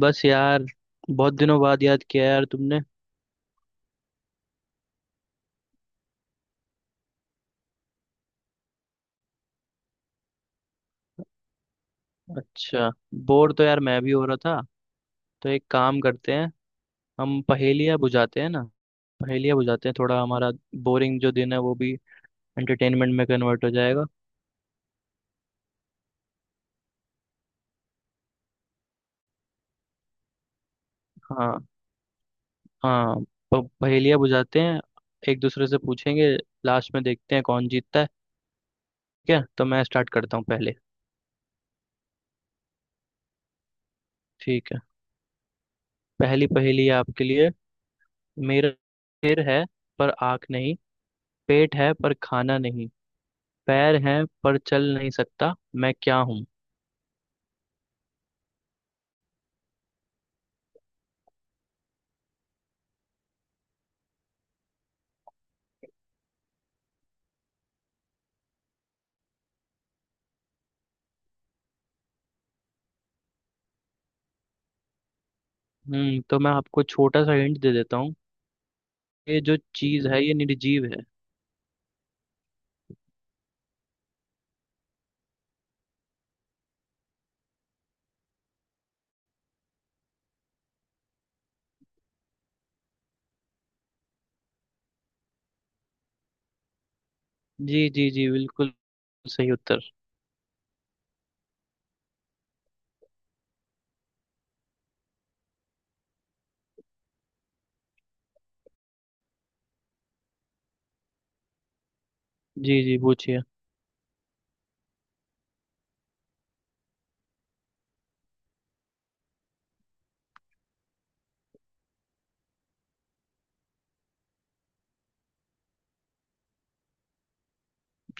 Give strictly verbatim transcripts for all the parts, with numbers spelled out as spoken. बस यार। बहुत दिनों बाद याद किया यार तुमने। अच्छा, बोर तो यार मैं भी हो रहा था। तो एक काम करते हैं, हम पहेलियाँ बुझाते हैं ना। पहेलियाँ बुझाते हैं, थोड़ा हमारा बोरिंग जो दिन है वो भी एंटरटेनमेंट में कन्वर्ट हो जाएगा। हाँ, हाँ। प- पहेलियाँ बुझाते हैं, एक दूसरे से पूछेंगे, लास्ट में देखते हैं कौन जीतता है। ठीक है, तो मैं स्टार्ट करता हूँ पहले। ठीक है। पहली पहेली है आपके लिए। मेरा सिर है पर आँख नहीं, पेट है पर खाना नहीं, पैर हैं पर चल नहीं सकता, मैं क्या हूँ? हम्म तो मैं आपको छोटा सा हिंट दे देता हूँ। ये जो चीज है ये निर्जीव है। जी जी जी, बिल्कुल सही उत्तर। जी जी, पूछिए।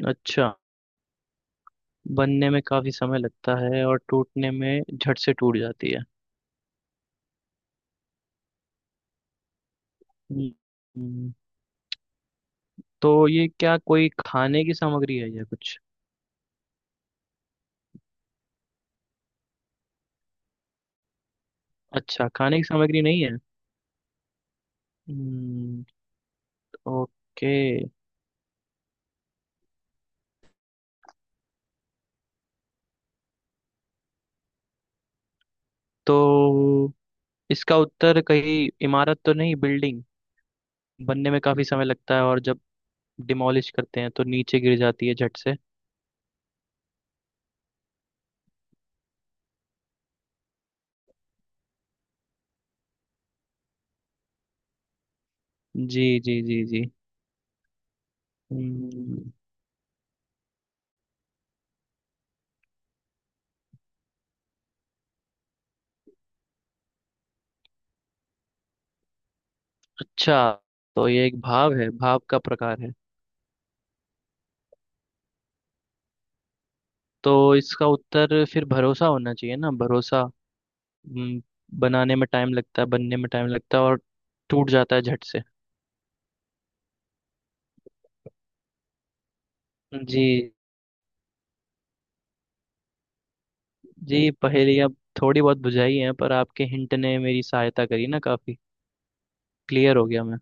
अच्छा, बनने में काफी समय लगता है और टूटने में झट से टूट जाती है। हम्म, हम्म, तो ये क्या कोई खाने की सामग्री है या कुछ? अच्छा, खाने की सामग्री नहीं है। हम्म, ओके। तो इसका उत्तर कहीं इमारत तो नहीं, बिल्डिंग? बनने में काफी समय लगता है और जब डिमोलिश करते हैं तो नीचे गिर जाती है झट से। जी जी जी जी। हम्म, अच्छा, तो ये एक भाव है, भाव का प्रकार है। तो इसका उत्तर फिर भरोसा होना चाहिए ना, भरोसा। हम्म, बनाने में टाइम लगता है, बनने में टाइम लगता है और टूट जाता है झट से। जी। जी पहेलियाँ थोड़ी बहुत बुझाई हैं, पर आपके हिंट ने मेरी सहायता करी ना काफी, क्लियर हो गया मैं।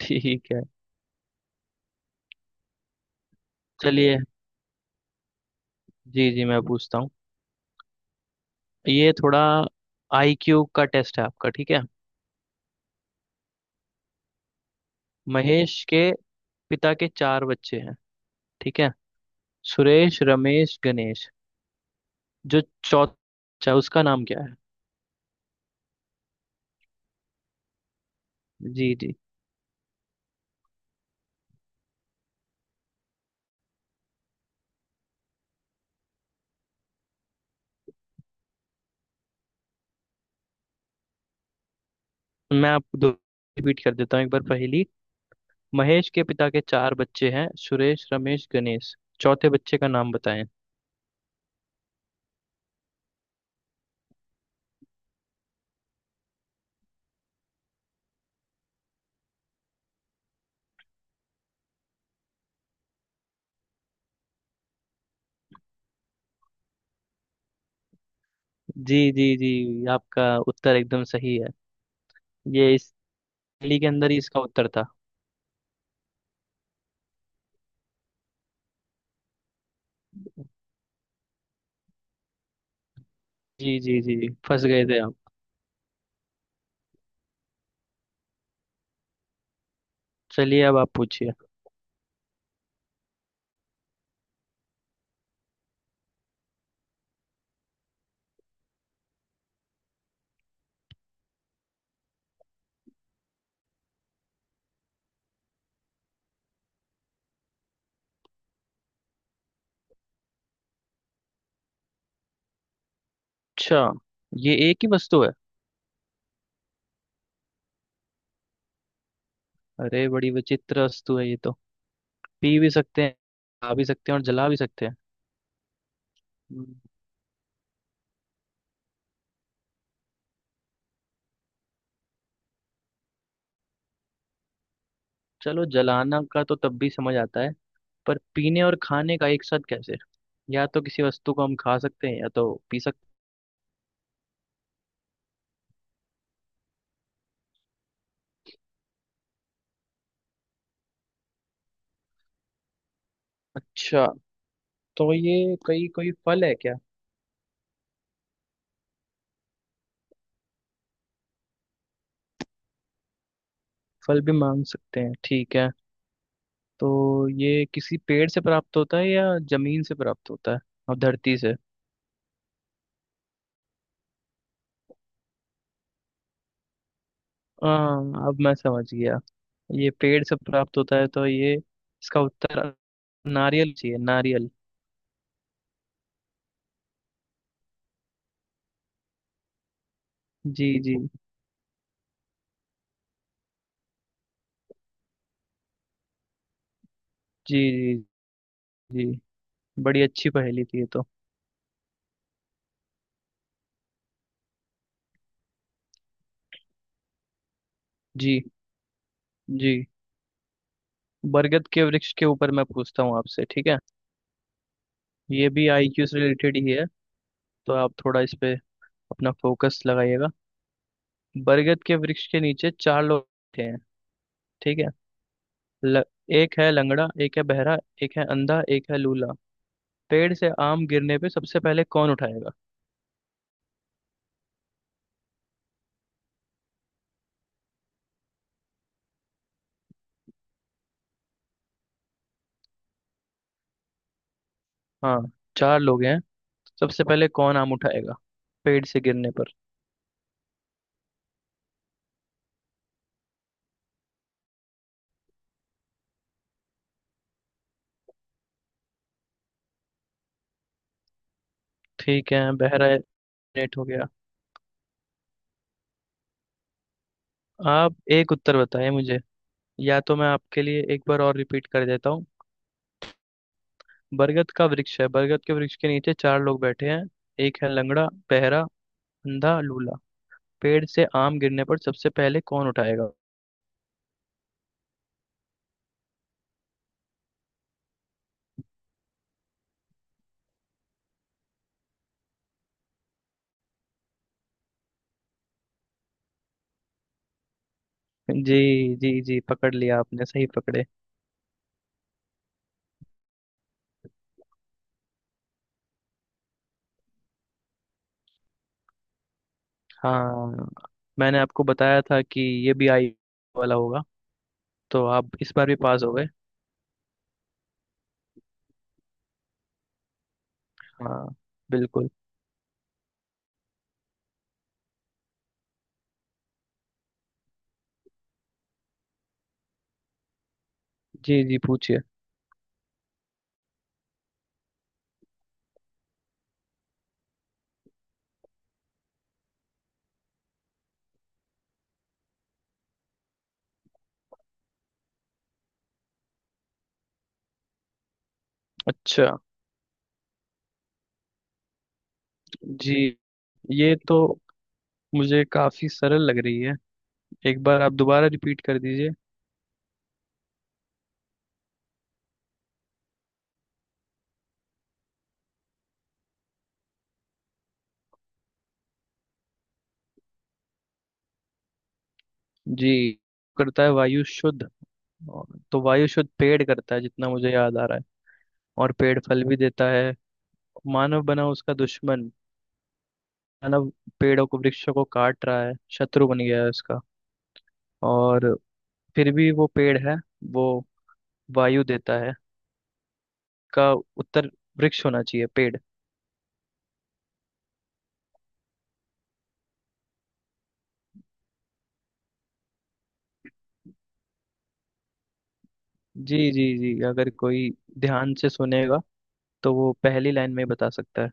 ठीक है। चलिए जी, जी मैं पूछता हूँ। ये थोड़ा आईक्यू का टेस्ट है आपका, ठीक है? महेश के पिता के चार बच्चे हैं, ठीक है। सुरेश, रमेश, गणेश। जो चौथा बच्चा, उसका नाम क्या है? जी जी। मैं आपको दो रिपीट कर देता हूँ एक बार पहली। महेश के पिता के चार बच्चे हैं, सुरेश, रमेश, गणेश। चौथे बच्चे का नाम बताएं। जी जी जी, आपका उत्तर एकदम सही है। ये इस पहेली के अंदर ही इसका उत्तर था। जी जी जी, फंस गए थे आप। चलिए अब आप पूछिए। अच्छा, ये एक ही वस्तु है? अरे बड़ी विचित्र वस्तु है ये तो। पी भी सकते हैं, खा भी सकते हैं और जला भी सकते हैं। हम्म, चलो, जलाना का तो तब भी समझ आता है, पर पीने और खाने का एक साथ कैसे? या तो किसी वस्तु को हम खा सकते हैं या तो पी सकते। अच्छा, तो ये कई कोई फल है क्या? फल भी मांग सकते हैं, ठीक है। तो ये किसी पेड़ से प्राप्त होता है या जमीन से प्राप्त होता है और धरती से? हाँ अब मैं समझ गया। ये पेड़ से प्राप्त होता है, तो ये इसका उत्तर नारियल, चाहिए नारियल। जी जी जी जी जी। बड़ी अच्छी पहेली थी ये तो। जी जी। बरगद के वृक्ष के ऊपर मैं पूछता हूँ आपसे, ठीक है? ये भी आईक्यू से रिलेटेड ही है, तो आप थोड़ा इस पे अपना फोकस लगाइएगा। बरगद के वृक्ष के नीचे चार लोग बैठे हैं, ठीक है। ल, एक है लंगड़ा, एक है बहरा, एक है अंधा, एक है लूला। पेड़ से आम गिरने पे सबसे पहले कौन उठाएगा? हाँ, चार लोग हैं। सबसे पहले कौन आम उठाएगा पेड़ से गिरने पर? ठीक है बहरा, नेट हो गया। आप एक उत्तर बताएं मुझे, या तो मैं आपके लिए एक बार और रिपीट कर देता हूँ। बरगद का वृक्ष है, बरगद के वृक्ष के नीचे चार लोग बैठे हैं। एक है लंगड़ा, बहरा, अंधा, लूला। पेड़ से आम गिरने पर सबसे पहले कौन उठाएगा? जी जी जी, पकड़ लिया आपने, सही पकड़े। हाँ, मैंने आपको बताया था कि ये भी आई वाला होगा। तो आप इस बार भी पास हो गए। हाँ, बिल्कुल। जी जी पूछिए। अच्छा जी, ये तो मुझे काफी सरल लग रही है। एक बार आप दोबारा रिपीट कर दीजिए। जी, करता है वायु शुद्ध, और- तो वायु शुद्ध पेड़ करता है जितना मुझे याद आ रहा है। और पेड़ फल भी देता है। मानव बना उसका दुश्मन, मानव पेड़ों को, वृक्षों को काट रहा है, शत्रु बन गया है उसका। और फिर भी वो पेड़ है, वो वायु देता है। का उत्तर वृक्ष होना चाहिए, पेड़। जी जी जी, अगर कोई ध्यान से सुनेगा तो वो पहली लाइन में ही बता सकता है।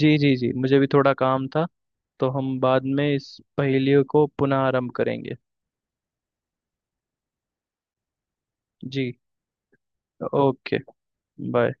जी। जी जी, मुझे भी थोड़ा काम था। तो हम बाद में इस पहेलियों को पुनः आरंभ करेंगे। जी। ओके। बाय।